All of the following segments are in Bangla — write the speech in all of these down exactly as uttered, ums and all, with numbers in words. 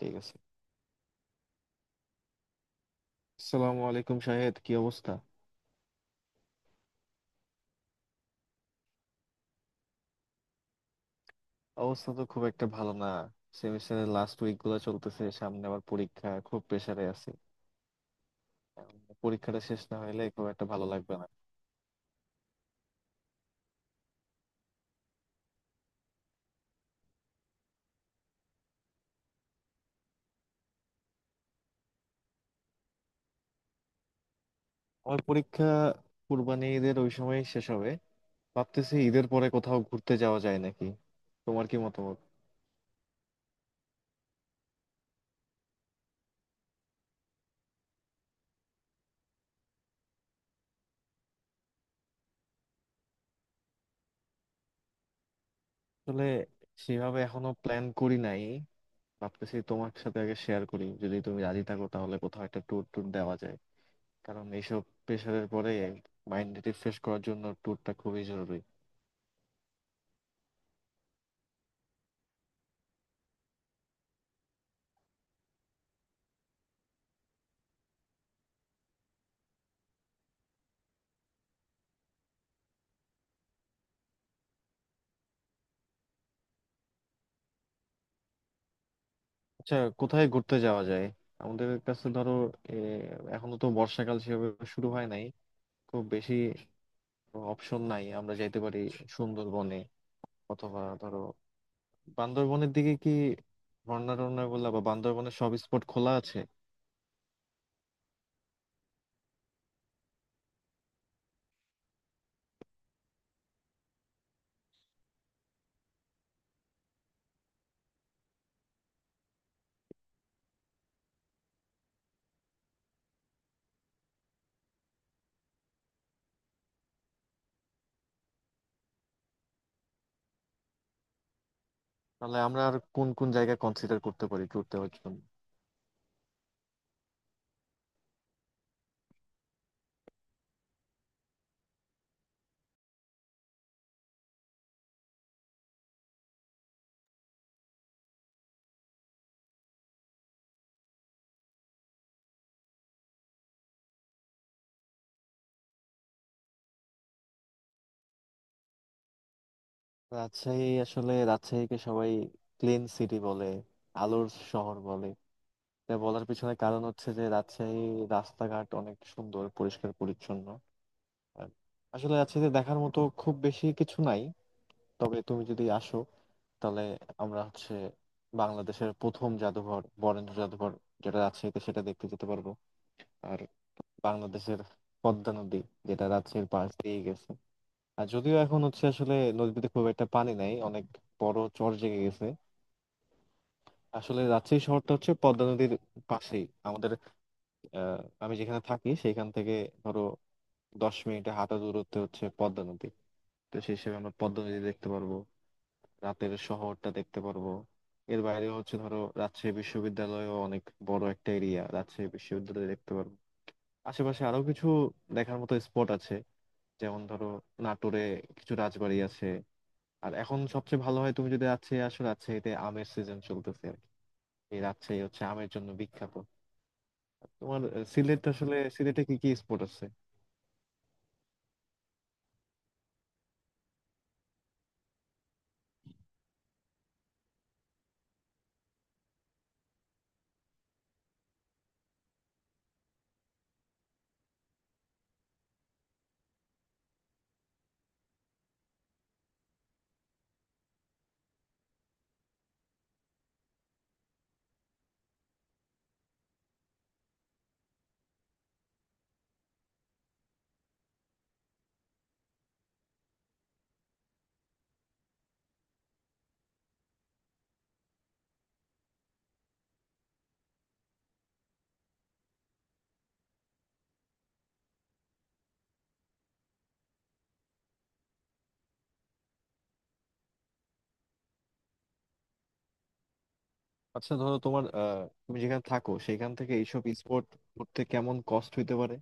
ঠিক আছে। আসসালামু আলাইকুম, শাহেদ, কি অবস্থা? অবস্থা তো খুব একটা ভালো না। সেমিস্টারের লাস্ট উইক গুলো চলতেছে, সামনে আবার পরীক্ষা, খুব প্রেসারে আছে। পরীক্ষাটা শেষ না হলে খুব একটা ভালো লাগবে না। আমার পরীক্ষা কুরবানি ঈদের ওই সময় শেষ হবে। ভাবতেছি ঈদের পরে কোথাও ঘুরতে যাওয়া যায় নাকি, তোমার কি মতামত? আসলে সেভাবে এখনো প্ল্যান করি নাই। ভাবতেছি তোমার সাথে আগে শেয়ার করি, যদি তুমি রাজি থাকো তাহলে কোথাও একটা ট্যুর ট্যুর দেওয়া যায়। কারণ এইসব প্রেশারের পরে মাইন্ড রিফ্রেশ করার জন্য ট্যুরটা খুবই জরুরি। আচ্ছা, কোথায় ঘুরতে যাওয়া যায়? আমাদের কাছে ধরো এ, এখনো তো বর্ষাকাল সেভাবে শুরু হয় নাই, খুব বেশি অপশন নাই। আমরা যাইতে পারি সুন্দরবনে, অথবা ধরো বান্দরবনের দিকে। কি ঝর্ণা টর্ণা গুলা বা বান্দরবনের সব স্পট খোলা আছে? তাহলে আমরা আর কোন কোন জায়গা কনসিডার করতে পারি ট্যুর দেওয়ার জন্য? রাজশাহী, আসলে রাজশাহীকে সবাই ক্লিন সিটি বলে, আলোর শহর বলে। তা বলার পিছনে কারণ হচ্ছে যে রাজশাহী রাস্তাঘাট অনেক সুন্দর, পরিষ্কার পরিচ্ছন্ন। আর আসলে রাজশাহীতে দেখার মতো খুব বেশি কিছু নাই, তবে তুমি যদি আসো তাহলে আমরা হচ্ছে বাংলাদেশের প্রথম জাদুঘর, বরেন্দ্র জাদুঘর, যেটা রাজশাহীতে, সেটা দেখতে যেতে পারবো। আর বাংলাদেশের পদ্মা নদী, যেটা রাজশাহীর পাশ দিয়ে গেছে। আর যদিও এখন হচ্ছে আসলে নদীতে খুব একটা পানি নাই, অনেক বড় চর জেগে গেছে। আসলে রাজশাহী শহরটা হচ্ছে পদ্মা নদীর পাশেই। আমাদের আহ, আমি যেখানে থাকি সেখান থেকে ধরো দশ মিনিটে হাঁটা দূরত্বে হচ্ছে পদ্মা নদী। তো সেই হিসেবে আমরা পদ্মা নদী দেখতে পারবো, রাতের শহরটা দেখতে পারবো। এর বাইরে হচ্ছে ধরো রাজশাহী বিশ্ববিদ্যালয়ও অনেক বড় একটা এরিয়া, রাজশাহী বিশ্ববিদ্যালয় দেখতে পারবো। আশেপাশে আরো কিছু দেখার মতো স্পট আছে, যেমন ধরো নাটোরে কিছু রাজবাড়ি আছে। আর এখন সবচেয়ে ভালো হয় তুমি যদি রাজশাহী আসো, রাজশাহীতে আমের সিজন চলতেছে আর কি। এই রাজশাহী হচ্ছে আমের জন্য বিখ্যাত। তোমার আহ, সিলেট, আসলে সিলেটে কি কি স্পট আছে? আচ্ছা ধরো তোমার আহ তুমি যেখানে থাকো সেখান থেকে এইসব স্পোর্ট করতে কেমন কস্ট হইতে পারে?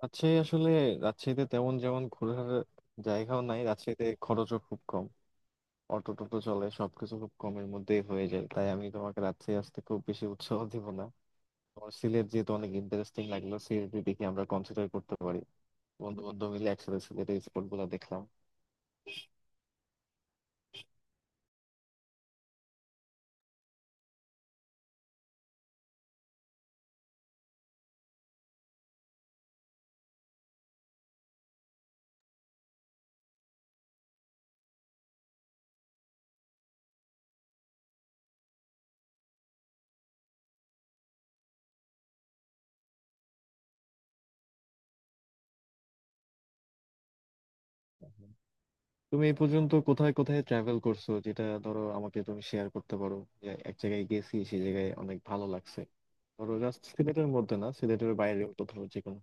রাজশাহী, আসলে রাজশাহীতে তেমন যেমন ঘোরার জায়গাও নাই, রাজশাহীতে খরচও খুব কম, অটো টোটো চলে, সবকিছু খুব কমের মধ্যেই হয়ে যায়। তাই আমি তোমাকে রাজশাহী আসতে খুব বেশি উৎসাহ দিব না। তোমার সিলেট যেহেতু অনেক ইন্টারেস্টিং লাগলো, সিলেট দেখি আমরা কনসিডার করতে পারি। বন্ধু বন্ধু মিলে একসাথে সিলেটের স্পোর্ট গুলো দেখলাম। তুমি এই পর্যন্ত কোথায় কোথায় ট্রাভেল করছো, যেটা ধরো আমাকে তুমি শেয়ার করতে পারো, যে এক জায়গায় গেছি সেই জায়গায় অনেক ভালো লাগছে, ধরো জাস্ট সিলেটের মধ্যে না, সিলেটের বাইরে কোথাও যে কোনো।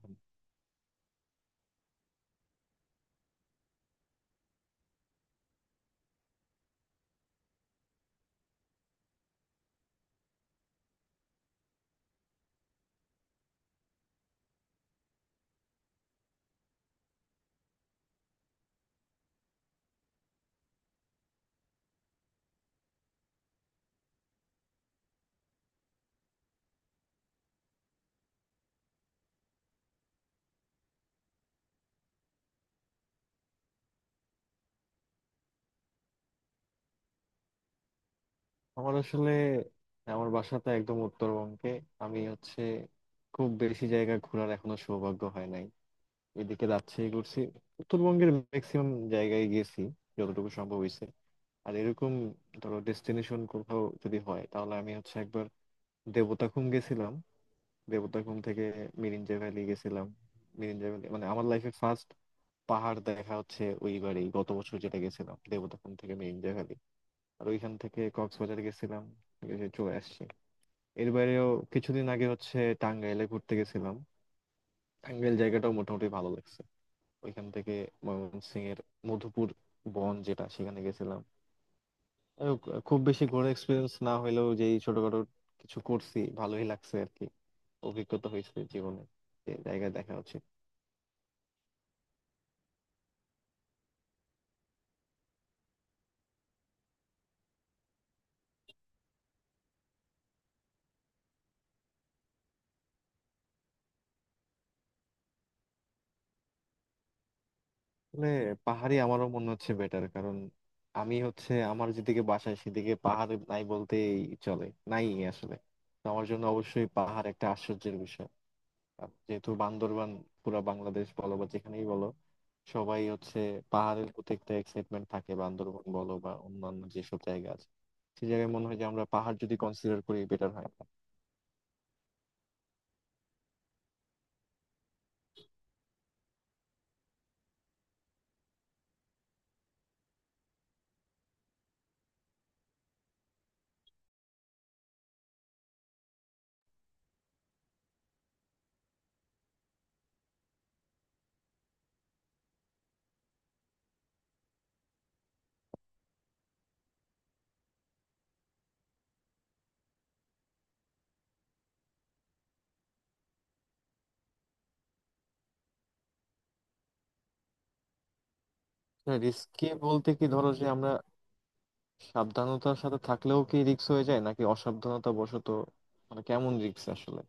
আমার আসলে আমার বাসাটা একদম উত্তরবঙ্গে, আমি হচ্ছে খুব বেশি জায়গা ঘোরার এখনো সৌভাগ্য হয় নাই। এদিকে রাজশাহী ঘুরছি, উত্তরবঙ্গের ম্যাক্সিমাম জায়গায় গেছি যতটুকু সম্ভব হয়েছে। আর এরকম ধরো ডেস্টিনেশন কোথাও যদি হয় তাহলে আমি হচ্ছে একবার দেবতাখুম গেছিলাম, দেবোত্তর থেকে মিরিঞ্জা ভ্যালি গেছিলাম। মিরিঞ্জা ভ্যালি মানে আমার লাইফে ফার্স্ট পাহাড় দেখা হচ্ছে ওইবারই, গত বছর, যেটা গেছিলাম দেবোত্তর থেকে মিরিঞ্জা ভ্যালি। আর ওইখান থেকে কক্সবাজার গেছিলাম, এসে চলে আসছি। এর বাইরেও কিছুদিন আগে হচ্ছে টাঙ্গাইলে ঘুরতে গেছিলাম, টাঙ্গাইল জায়গাটাও মোটামুটি ভালো লাগছে। ওইখান থেকে ময়মনসিং এর মধুপুর বন, যেটা সেখানে গেছিলাম। আহ, খুব বেশি ঘোরার এক্সপিরিয়েন্স না হলেও যেই ছোটখাটো কিছু করছি ভালোই লাগছে আর কি, অভিজ্ঞতা হয়েছে জীবনে, যে জায়গায় দেখা হচ্ছে। আসলে পাহাড়ি আমারও মনে হচ্ছে বেটার, কারণ আমি হচ্ছে আমার যেদিকে বাসায় সেদিকে পাহাড় নাই বলতেই চলে, নাই আসলে। তো আমার জন্য অবশ্যই পাহাড় একটা আশ্চর্যের বিষয়। আর যেহেতু বান্দরবান, পুরা বাংলাদেশ বলো বা যেখানেই বলো, সবাই হচ্ছে পাহাড়ের প্রতি একটা এক্সাইটমেন্ট থাকে, বান্দরবান বলো বা অন্যান্য যেসব জায়গা আছে, সেই জায়গায় মনে হয় যে আমরা পাহাড় যদি কনসিডার করি বেটার হয়। রিস্কি বলতে কি, ধরো যে আমরা সাবধানতার সাথে থাকলেও কি রিস্ক হয়ে যায় নাকি অসাবধানতা বশত? মানে কেমন রিস্ক আসলে?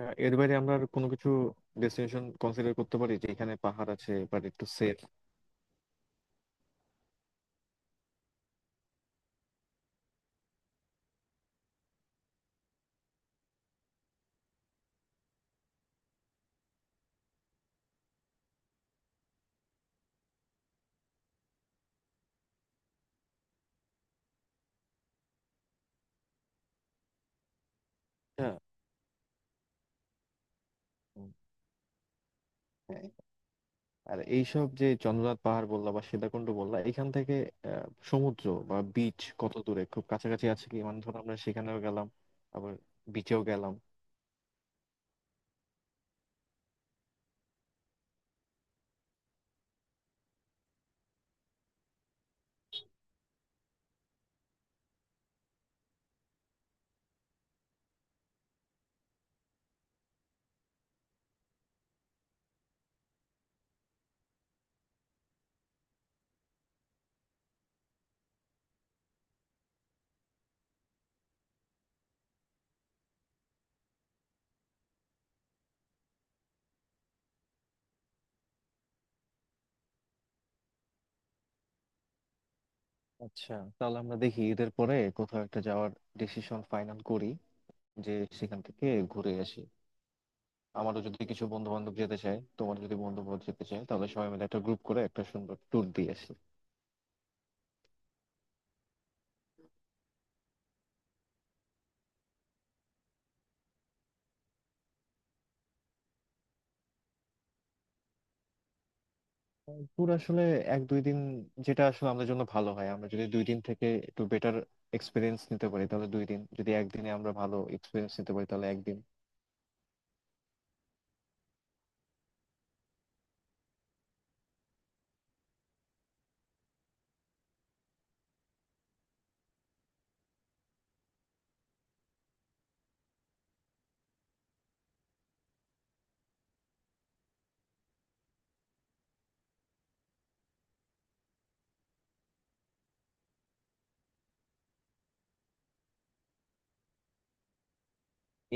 আহ, এর বাইরে আমরা আর কোনো কিছু ডেস্টিনেশন কনসিডার করতে পারি যে এখানে পাহাড় আছে বাট একটু সেফ? হ্যাঁ। হুম, হ্যাঁ। আর এইসব যে চন্দ্রনাথ পাহাড় বললা বা সীতাকুণ্ড বললা, এখান থেকে আহ, সমুদ্র বা বিচ কত দূরে? খুব কাছাকাছি আছে কি? মানে ধরো আমরা সেখানেও গেলাম, আবার বিচেও গেলাম। আচ্ছা, তাহলে আমরা দেখি ঈদের পরে কোথাও একটা যাওয়ার ডিসিশন ফাইনাল করি, যে সেখান থেকে ঘুরে আসি। আমারও যদি কিছু বন্ধু বান্ধব যেতে চায়, তোমার যদি বন্ধু বান্ধব যেতে চায়, তাহলে সবাই মিলে একটা গ্রুপ করে একটা সুন্দর ট্যুর দিয়ে আসি। ট্যুর আসলে এক দুই দিন, যেটা আসলে আমাদের জন্য ভালো হয়। আমরা যদি দুই দিন থেকে একটু বেটার এক্সপিরিয়েন্স নিতে পারি তাহলে দুই দিন, যদি একদিনে আমরা ভালো এক্সপিরিয়েন্স নিতে পারি তাহলে একদিন।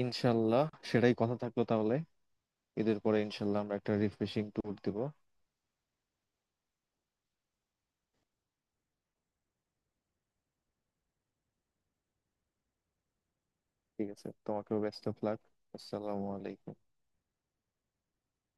ইনশাল্লাহ, সেটাই কথা থাকলো তাহলে। ঈদের পরে ইনশাল্লাহ আমরা একটা রিফ্রেশিং ট্যুর দিব। ঠিক আছে, তোমাকেও বেস্ট অফ লাক। আসসালামু আলাইকুম।